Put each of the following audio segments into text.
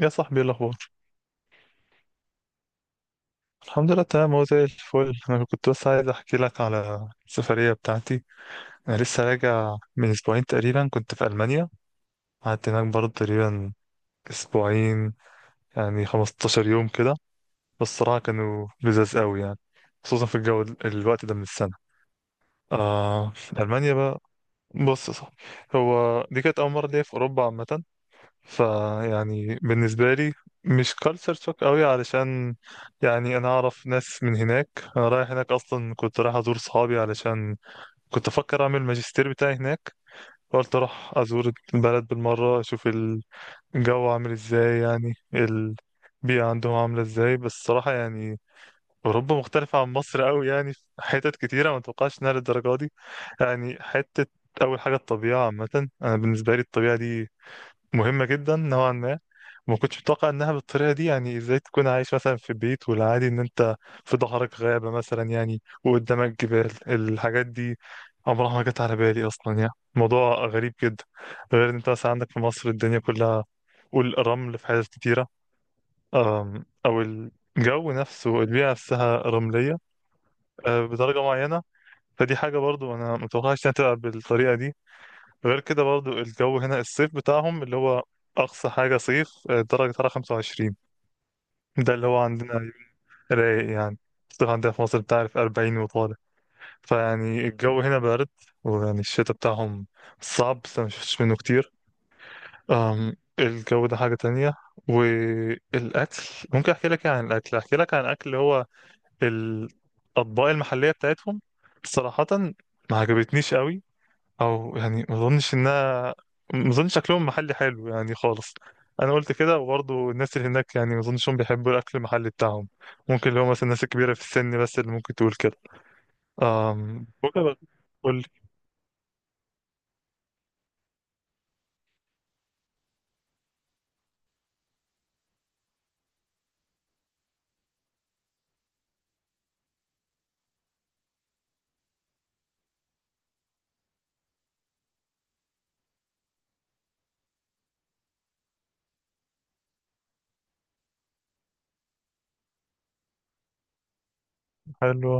يا صاحبي ايه الاخبار؟ الحمد لله تمام، هو زي الفل. انا كنت بس عايز احكي لك على السفريه بتاعتي. انا لسه راجع من اسبوعين تقريبا، كنت في المانيا. قعدت هناك برضه تقريبا اسبوعين، يعني 15 يوم كده. بس الصراحه كانوا لذاذ قوي يعني، خصوصا في الجو الوقت ده من السنه. آه، المانيا بقى. بص يا صاحبي، هو دي كانت اول مره ليا في اوروبا عامه. فيعني بالنسبة لي مش كالتشر شوك قوي، علشان يعني انا اعرف ناس من هناك. انا رايح هناك اصلا، كنت رايح ازور صحابي علشان كنت افكر اعمل الماجستير بتاعي هناك. قلت اروح ازور البلد بالمرة، اشوف الجو عامل ازاي، يعني البيئة عندهم عاملة ازاي. بس الصراحة يعني اوروبا مختلفة عن مصر قوي، يعني في حتت كتيرة ما اتوقعش انها للدرجة دي. يعني حتة، اول حاجة الطبيعة عامة، انا بالنسبة لي الطبيعة دي مهمة جدا نوعا ما، وما كنتش متوقع انها بالطريقة دي. يعني ازاي تكون عايش مثلا في بيت، والعادي ان انت في ظهرك غابة مثلا، يعني وقدامك جبال. الحاجات دي عمرها ما جت على بالي اصلا، يعني موضوع غريب جدا. غير ان انت مثلا عندك في مصر الدنيا كلها والرمل في حاجات كتيرة. او الجو نفسه، البيئة نفسها رملية بدرجة معينة. فدي حاجة برضو انا متوقعش انها تبقى بالطريقة دي. غير كده برضو الجو هنا، الصيف بتاعهم اللي هو أقصى حاجة صيف درجة حرارة 25. ده اللي هو عندنا رايق يعني. الصيف عندنا في مصر بتعرف 40 وطالع. فيعني الجو هنا بارد. ويعني الشتاء بتاعهم صعب، بس أنا مشفتش منه كتير. الجو ده حاجة تانية. والأكل، ممكن أحكي لك إيه عن الأكل؟ أحكي لك عن الأكل اللي هو الأطباق المحلية بتاعتهم. صراحة ما عجبتنيش قوي، او يعني ما اظنش شكلهم محلي حلو يعني خالص. انا قلت كده، وبرضه الناس اللي هناك يعني ما اظنش هم بيحبوا الاكل المحلي بتاعهم. ممكن اللي هو مثلا الناس الكبيره في السن بس اللي ممكن تقول كده. امم، ممكن. قول لي. حلو.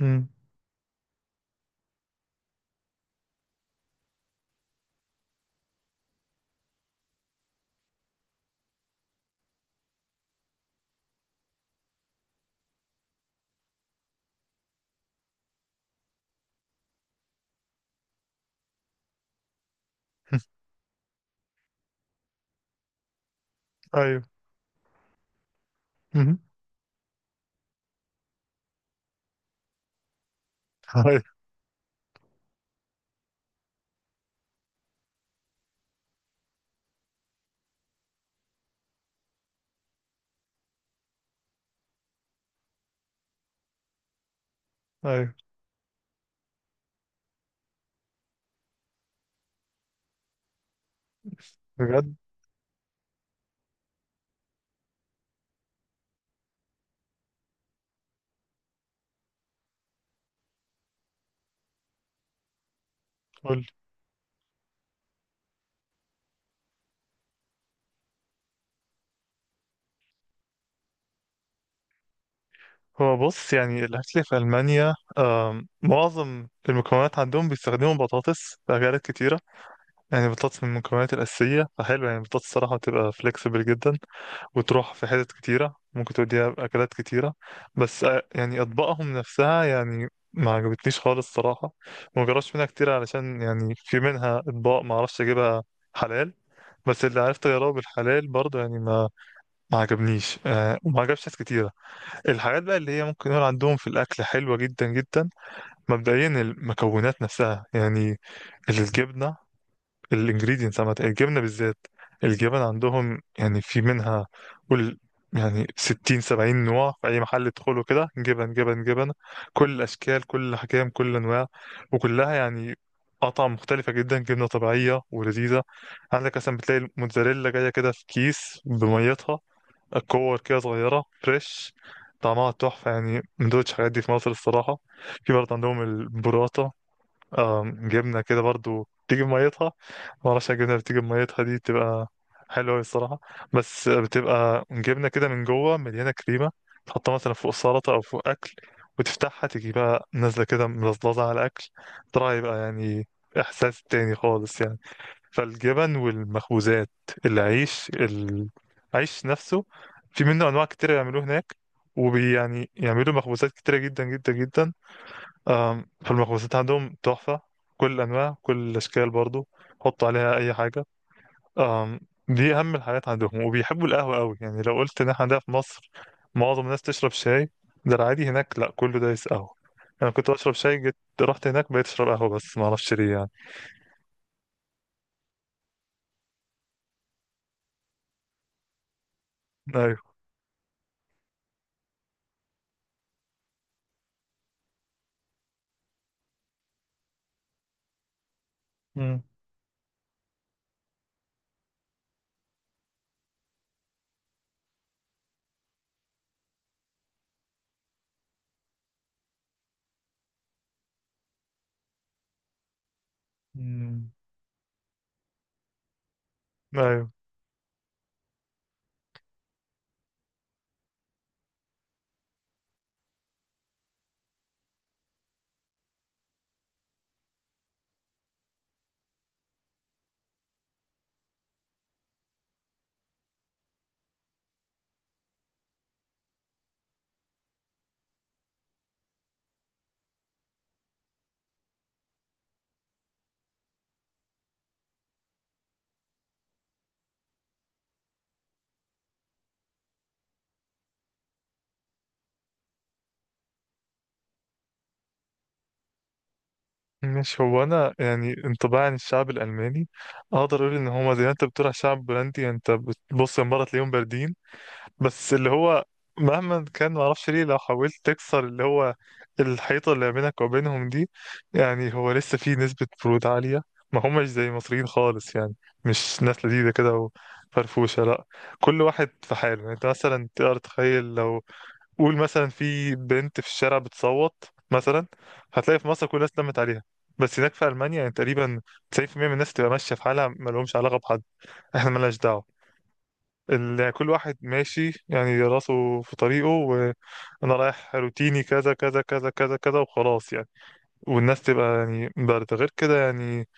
امم. ايوه. مم. ايوه. ايوه. بجد؟ قول لي. هو بص، يعني الاكل في المانيا، معظم المكونات عندهم بيستخدموا بطاطس في اكلات كتيره. يعني بطاطس من المكونات الاساسيه، فحلو يعني. البطاطس الصراحه بتبقى فليكسبل جدا، وتروح في حتت كتيرة، ممكن توديها بأكلات كتيرة. بس يعني أطباقهم نفسها يعني ما عجبتنيش خالص صراحة. وما جربتش منها كتير، علشان يعني في منها أطباق ما أعرفش أجيبها حلال. بس اللي عرفت أجربه بالحلال برضه يعني ما عجبنيش وما عجبش ناس كتيرة. الحاجات بقى اللي هي ممكن نقول عندهم في الأكل حلوة جدا جدا، مبدئيا المكونات نفسها يعني. الجبنة، الانجريدينتس عامة، الجبنة بالذات، الجبن عندهم يعني في منها، قول، يعني ستين سبعين نوع. في أي محل تدخله كده جبن جبن جبن، كل الأشكال كل الأحجام كل الأنواع، وكلها يعني قطع مختلفة جدا، جبنة طبيعية ولذيذة. عندك مثلا بتلاقي الموتزاريلا جاية كده في كيس بميتها، كور كده صغيرة فريش، طعمها تحفة يعني. ما دوتش الحاجات دي في مصر الصراحة. في برضه عندهم البوراتا، اه جبنة كده برضو بتيجي بميتها. معرفش الجبنة اللي بتيجي بميتها دي بتبقى حلوة أوي الصراحة. بس بتبقى جبنة كده من جوه مليانة كريمة، تحطها مثلا فوق السلطة أو فوق أكل، وتفتحها تيجي بقى نازلة كده ملظلظة على الأكل. ترى يبقى يعني إحساس تاني خالص يعني. فالجبن والمخبوزات، العيش، العيش نفسه في منه أنواع كتير يعملوه هناك، وبي يعني يعملوا مخبوزات كتيرة جدا جدا جدا. فالمخبوزات عندهم تحفة، كل الأنواع كل الأشكال برضو، حطوا عليها أي حاجة. آم، دي أهم الحاجات عندهم. وبيحبوا القهوة قوي، يعني لو قلت إن إحنا عندنا في مصر معظم الناس تشرب شاي، ده العادي. هناك لأ، كله دايس قهوة. أنا كنت بشرب شاي، جيت رحت هناك بقيت أشرب قهوة، بس معرفش ليه يعني. أيوه. مم. مم. أيوه. مش هو، أنا يعني انطباعي عن الشعب الألماني أقدر أقول إن هما زي ما أنت بتقول على الشعب البولندي، يعني أنت بتبص المرة تلاقيهم باردين. بس اللي هو مهما كان، معرفش ليه، لو حاولت تكسر اللي هو الحيطة اللي بينك وبينهم دي، يعني هو لسه في نسبة برود عالية. ما هماش زي المصريين خالص يعني، مش ناس لذيذة كده وفرفوشة، لا. كل واحد في حاله يعني. انت مثلا تقدر تخيل لو قول مثلا في بنت في الشارع بتصوت مثلا، هتلاقي في مصر كل الناس لمت عليها، بس هناك في ألمانيا يعني تقريبا 90% من الناس تبقى ماشية في حالها، مالهمش علاقة بحد. احنا مالناش دعوة. كل واحد ماشي يعني راسه في طريقه، وانا رايح روتيني كذا كذا كذا كذا كذا وخلاص يعني. والناس تبقى يعني بارده. غير كده يعني،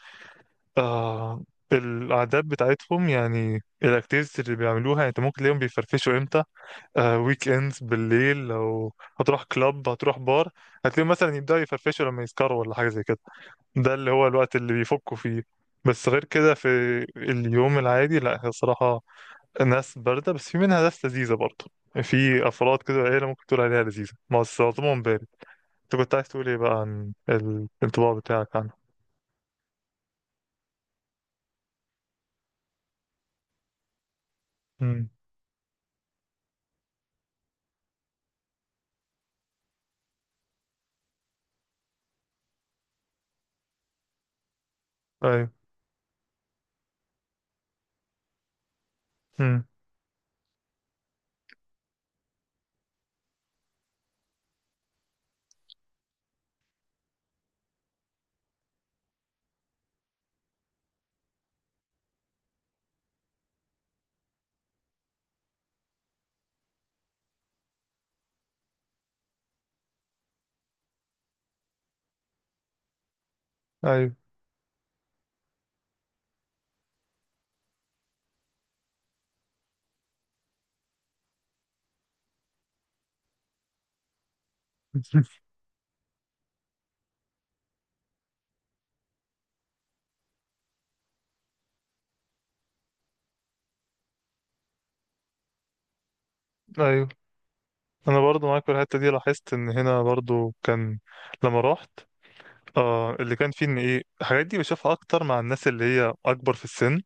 آه، العادات بتاعتهم، يعني الاكتيفيتيز اللي بيعملوها، يعني انت ممكن تلاقيهم بيفرفشوا امتى؟ آه، ويك اندز بالليل، لو هتروح كلاب، هتروح بار، هتلاقيهم مثلا يبداوا يفرفشوا لما يسكروا ولا حاجه زي كده. ده اللي هو الوقت اللي بيفكوا فيه. بس غير كده في اليوم العادي لا، هي الصراحه ناس باردة. بس في منها ناس لذيذة برضه، في أفراد كده، عيلة ممكن تقول عليها لذيذة ما وصلتهم بالي. أنت كنت عايز تقول إيه بقى عن الانطباع بتاعك عنها؟ امم. أيوه. امم. أيوه. أيوه. أنا برضه معاك في الحتة دي، لاحظت إن هنا برضه كان، لما رحت، آه اللي كان فيه إن إيه، الحاجات دي بشوفها أكتر مع الناس اللي هي أكبر في السن.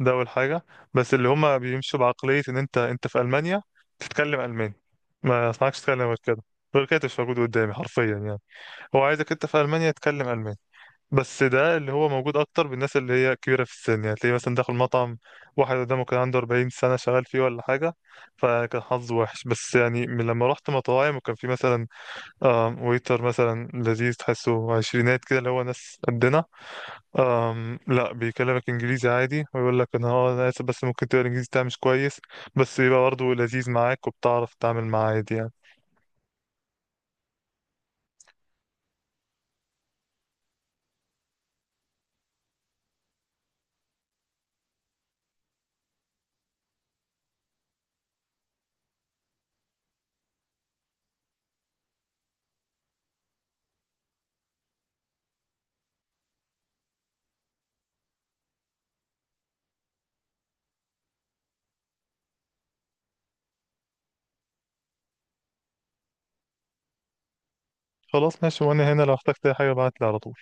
ده أول حاجة. بس اللي هما بيمشوا بعقلية إن أنت، أنت في ألمانيا تتكلم ألماني، ما أسمعكش تتكلم غير كده، غير كده مش موجود قدامي حرفيا يعني. هو عايزك انت في المانيا تتكلم الماني. بس ده اللي هو موجود اكتر بالناس اللي هي كبيره في السن. يعني تلاقيه مثلا داخل مطعم واحد قدامه كان عنده 40 سنه شغال فيه ولا حاجه، فكان حظه وحش. بس يعني من لما رحت مطاعم وكان في مثلا ويتر مثلا لذيذ، تحسه عشرينات كده، اللي هو ناس قدنا، لا بيكلمك انجليزي عادي، ويقول لك انا انا اسف بس ممكن، تقرا الانجليزي بتاعي مش كويس. بس يبقى برضه لذيذ معاك، وبتعرف تتعامل معاه عادي يعني. خلاص ماشي، وانا هنا لو احتجت اي حاجه ابعت لي على طول.